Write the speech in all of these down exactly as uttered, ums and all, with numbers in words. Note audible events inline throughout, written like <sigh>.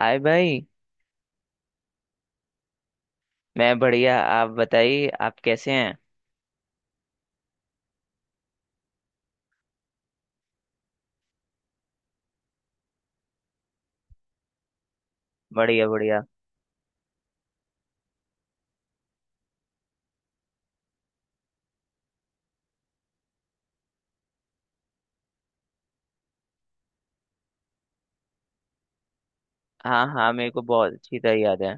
हाय भाई। मैं बढ़िया, आप बताइए, आप कैसे हैं? बढ़िया बढ़िया। हाँ हाँ, मेरे को बहुत अच्छी तरह याद है।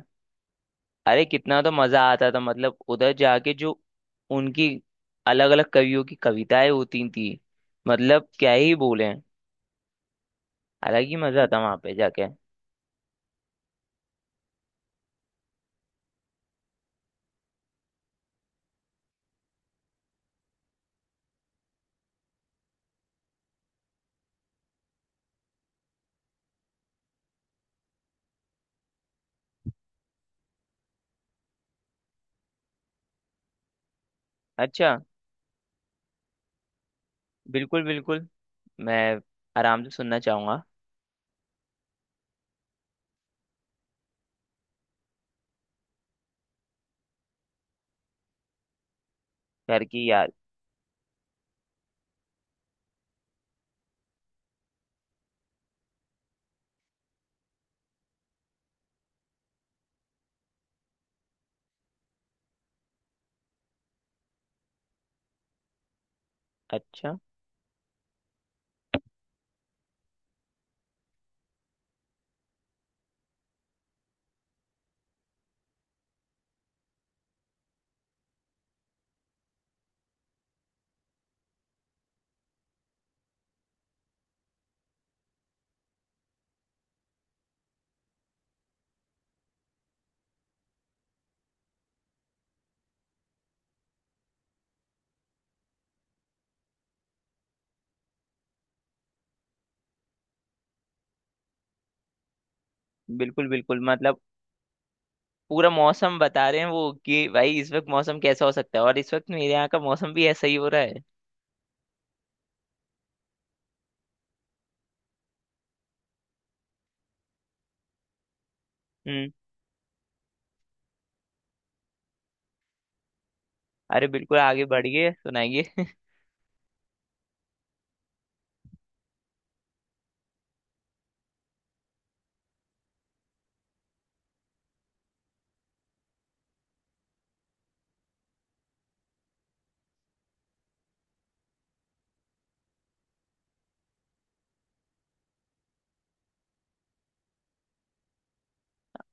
अरे कितना तो मजा आता था, मतलब उधर जाके जो उनकी अलग अलग कवियों की कविताएं होती थी। मतलब क्या ही बोले। अलग ही मजा आता वहां पे जाके। अच्छा। बिल्कुल बिल्कुल। मैं आराम से सुनना चाहूंगा। घर की याद। अच्छा। बिल्कुल बिल्कुल। मतलब पूरा मौसम बता रहे हैं वो कि भाई इस वक्त मौसम कैसा हो सकता है, और इस वक्त मेरे यहाँ का मौसम भी ऐसा ही हो रहा है। हम्म। अरे बिल्कुल आगे बढ़िए, सुनाइए। <laughs>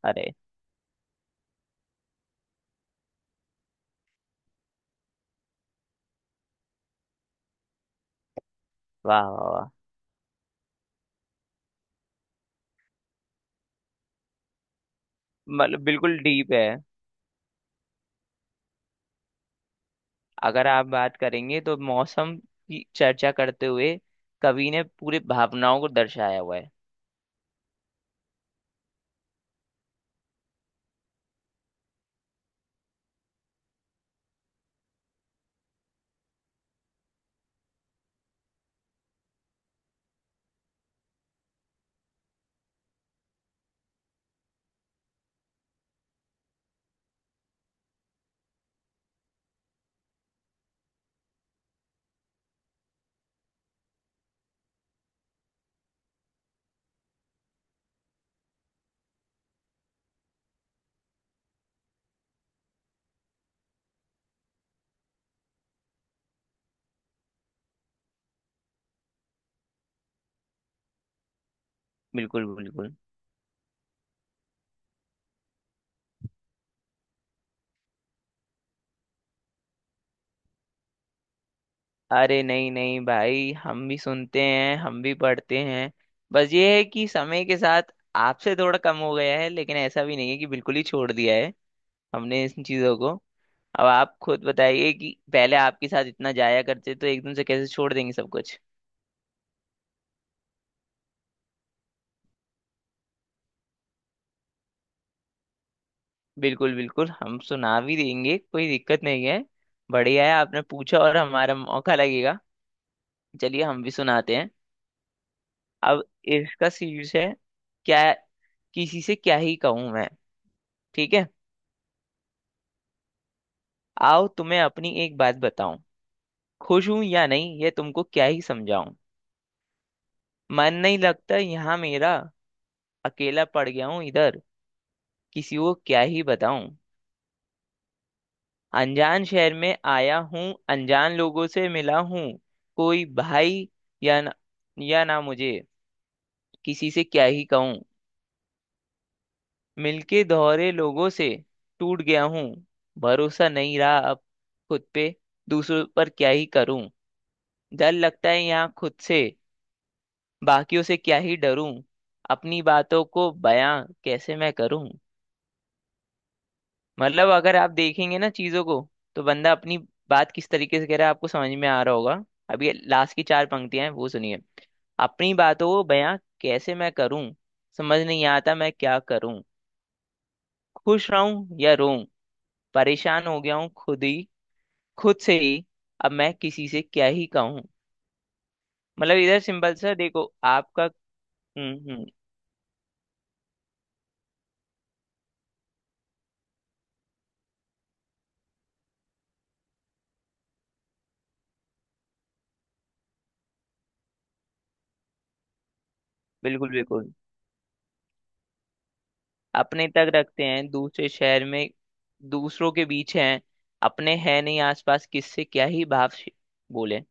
अरे वाह वाह वाह। मतलब बिल्कुल डीप है। अगर आप बात करेंगे तो मौसम की चर्चा करते हुए कवि ने पूरे भावनाओं को दर्शाया हुआ है। बिल्कुल बिल्कुल। अरे नहीं नहीं भाई, हम भी सुनते हैं, हम भी पढ़ते हैं। बस ये है कि समय के साथ आपसे थोड़ा कम हो गया है, लेकिन ऐसा भी नहीं है कि बिल्कुल ही छोड़ दिया है हमने इन चीज़ों को। अब आप खुद बताइए कि पहले आपके साथ इतना जाया करते तो एकदम से कैसे छोड़ देंगे सब कुछ। बिल्कुल बिल्कुल, हम सुना भी देंगे, कोई दिक्कत नहीं है। बढ़िया है, आपने पूछा और हमारा मौका लगेगा। चलिए हम भी सुनाते हैं। अब इसका शीर्ष है क्या? किसी से क्या ही कहूँ मैं? ठीक है। आओ तुम्हें अपनी एक बात बताऊं। खुश हूं या नहीं ये तुमको क्या ही समझाऊं। मन नहीं लगता यहाँ मेरा। अकेला पड़ गया हूँ इधर। किसी को क्या ही बताऊं। अनजान शहर में आया हूँ। अनजान लोगों से मिला हूँ। कोई भाई या न, या ना मुझे। किसी से क्या ही कहूं। मिलके दोहरे लोगों से टूट गया हूँ। भरोसा नहीं रहा अब खुद पे। दूसरों पर क्या ही करूं। डर लगता है यहाँ खुद से। बाकियों से क्या ही डरूं। अपनी बातों को बयां कैसे मैं करूं। मतलब अगर आप देखेंगे ना चीजों को, तो बंदा अपनी बात किस तरीके से कह रहा है आपको समझ में आ रहा होगा। अभी लास्ट की चार पंक्तियां हैं, वो सुनिए। अपनी बातों को बयां कैसे मैं करूं। समझ नहीं आता मैं क्या करूं। खुश रहूं या रोऊं। परेशान हो गया हूँ खुद ही, खुद से ही। अब मैं किसी से क्या ही कहूँ। मतलब इधर सिंपल सा देखो आपका। हम्म हम्म। बिल्कुल बिल्कुल। अपने तक रखते हैं दूसरे शहर में, दूसरों के बीच हैं, अपने हैं नहीं आसपास, किससे क्या ही भाव से बोले।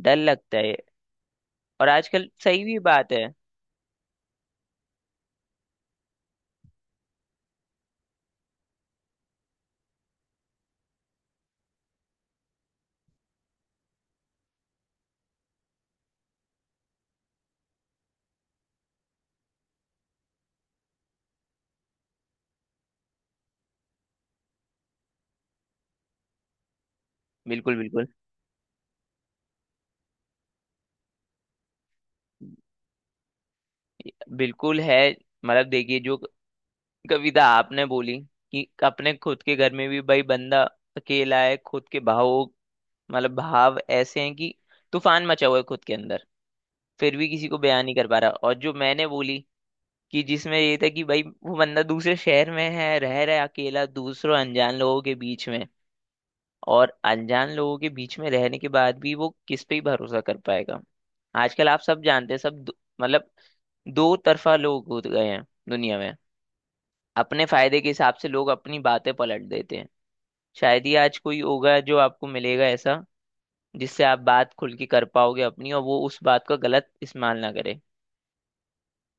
डर लगता है, और आजकल सही भी बात है। बिल्कुल बिल्कुल। बिल्कुल है। मतलब देखिए, जो कविता आपने बोली कि अपने खुद के घर में भी भाई बंदा अकेला है खुद के भावों, मतलब भाव ऐसे हैं कि तूफान मचा हुआ है खुद के अंदर, फिर भी किसी को बयान नहीं कर पा रहा। और जो मैंने बोली, कि जिसमें ये था कि भाई वो बंदा दूसरे शहर में है, रह रहा है अकेला दूसरों अनजान लोगों के बीच में। और अनजान लोगों के बीच में रहने के बाद भी वो किस पे ही भरोसा कर पाएगा। आजकल आप सब जानते हैं, सब दो- मतलब दो तरफा लोग हो गए हैं दुनिया में। अपने फायदे के हिसाब से लोग अपनी बातें पलट देते हैं। शायद ही आज कोई होगा जो आपको मिलेगा ऐसा, जिससे आप बात खुल के कर पाओगे अपनी और वो उस बात का गलत इस्तेमाल ना करे।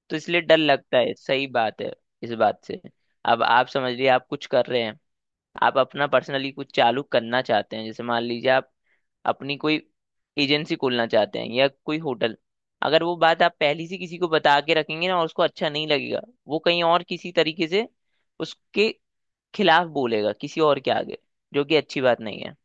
तो इसलिए डर लगता है, सही बात है इस बात से। अब आप समझ लीजिए, आप कुछ कर रहे हैं, आप अपना पर्सनली कुछ चालू करना चाहते हैं, जैसे मान लीजिए आप अपनी कोई एजेंसी खोलना चाहते हैं या कोई होटल। अगर वो बात आप पहले से किसी को बता के रखेंगे ना और उसको अच्छा नहीं लगेगा, वो कहीं और किसी तरीके से उसके खिलाफ बोलेगा किसी और के आगे, जो कि अच्छी बात नहीं है।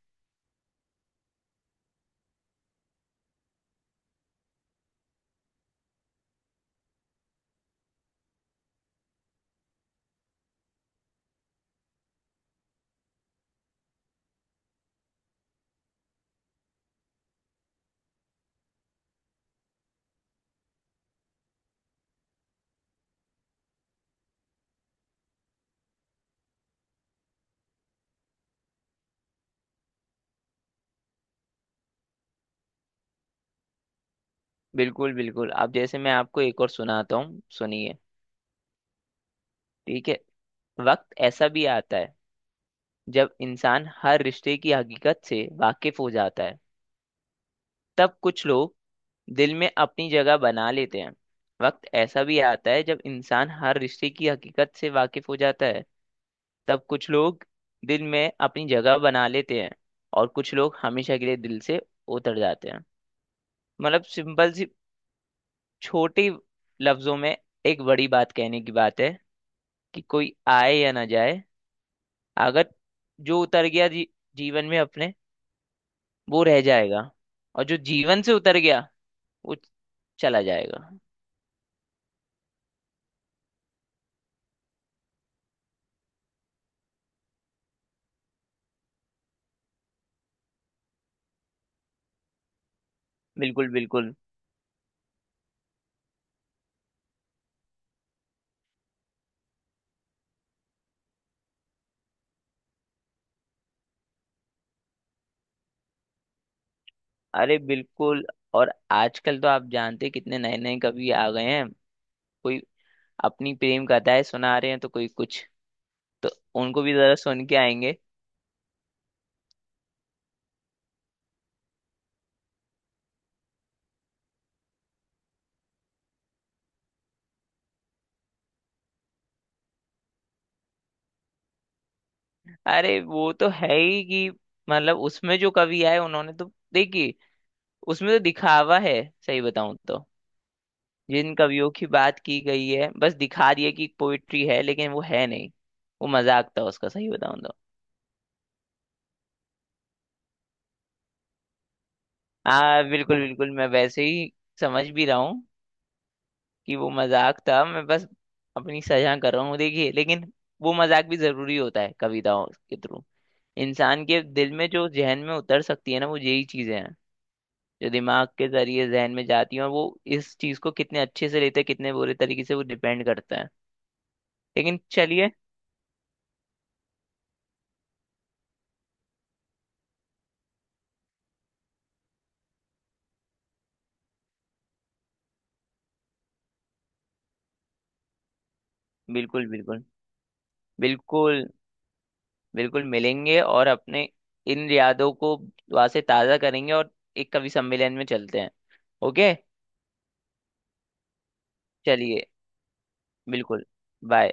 बिल्कुल बिल्कुल। अब जैसे मैं आपको एक और सुनाता हूँ, सुनिए। ठीक है। वक्त ऐसा भी आता है जब इंसान हर रिश्ते की हकीकत से वाकिफ हो जाता है। तब कुछ लोग दिल में अपनी जगह बना लेते हैं। वक्त ऐसा भी आता है जब इंसान हर रिश्ते की हकीकत से वाकिफ हो जाता है। तब कुछ लोग दिल में अपनी जगह बना लेते हैं। और कुछ लोग हमेशा के लिए दिल से उतर जाते हैं। मतलब सिंपल सी छोटी लफ्जों में एक बड़ी बात कहने की बात है। कि कोई आए या ना जाए। अगर जो उतर गया जी, जीवन में अपने, वो रह जाएगा। और जो जीवन से उतर गया वो चला जाएगा। बिल्कुल बिल्कुल। अरे बिल्कुल। और आजकल तो आप जानते हैं कितने नए नए कवि आ गए हैं। कोई अपनी प्रेम कथाएं सुना रहे हैं, तो कोई कुछ। तो उनको भी जरा सुन के आएंगे। अरे वो तो है ही कि मतलब उसमें जो कवि आए उन्होंने तो, देखिए, उसमें तो दिखावा है, सही बताऊं तो। जिन कवियों की बात की गई है, बस दिखा दिया कि पोइट्री है, लेकिन वो है नहीं। वो मजाक था उसका, सही बताऊं तो। हाँ बिल्कुल बिल्कुल, मैं वैसे ही समझ भी रहा हूँ कि वो मजाक था। मैं बस अपनी सजा कर रहा हूँ, देखिए। लेकिन वो मजाक भी जरूरी होता है। कविताओं के थ्रू इंसान के दिल में, जो जहन में उतर सकती है ना, वो यही चीजें हैं जो दिमाग के जरिए जहन में जाती हैं। और वो इस चीज को कितने अच्छे से लेते हैं कितने बुरे तरीके से, वो डिपेंड करता है। लेकिन चलिए। बिल्कुल बिल्कुल। बिल्कुल। बिल्कुल मिलेंगे, और अपने इन यादों को वहां से ताजा करेंगे, और एक कवि सम्मेलन में चलते हैं। ओके। चलिए बिल्कुल। बाय।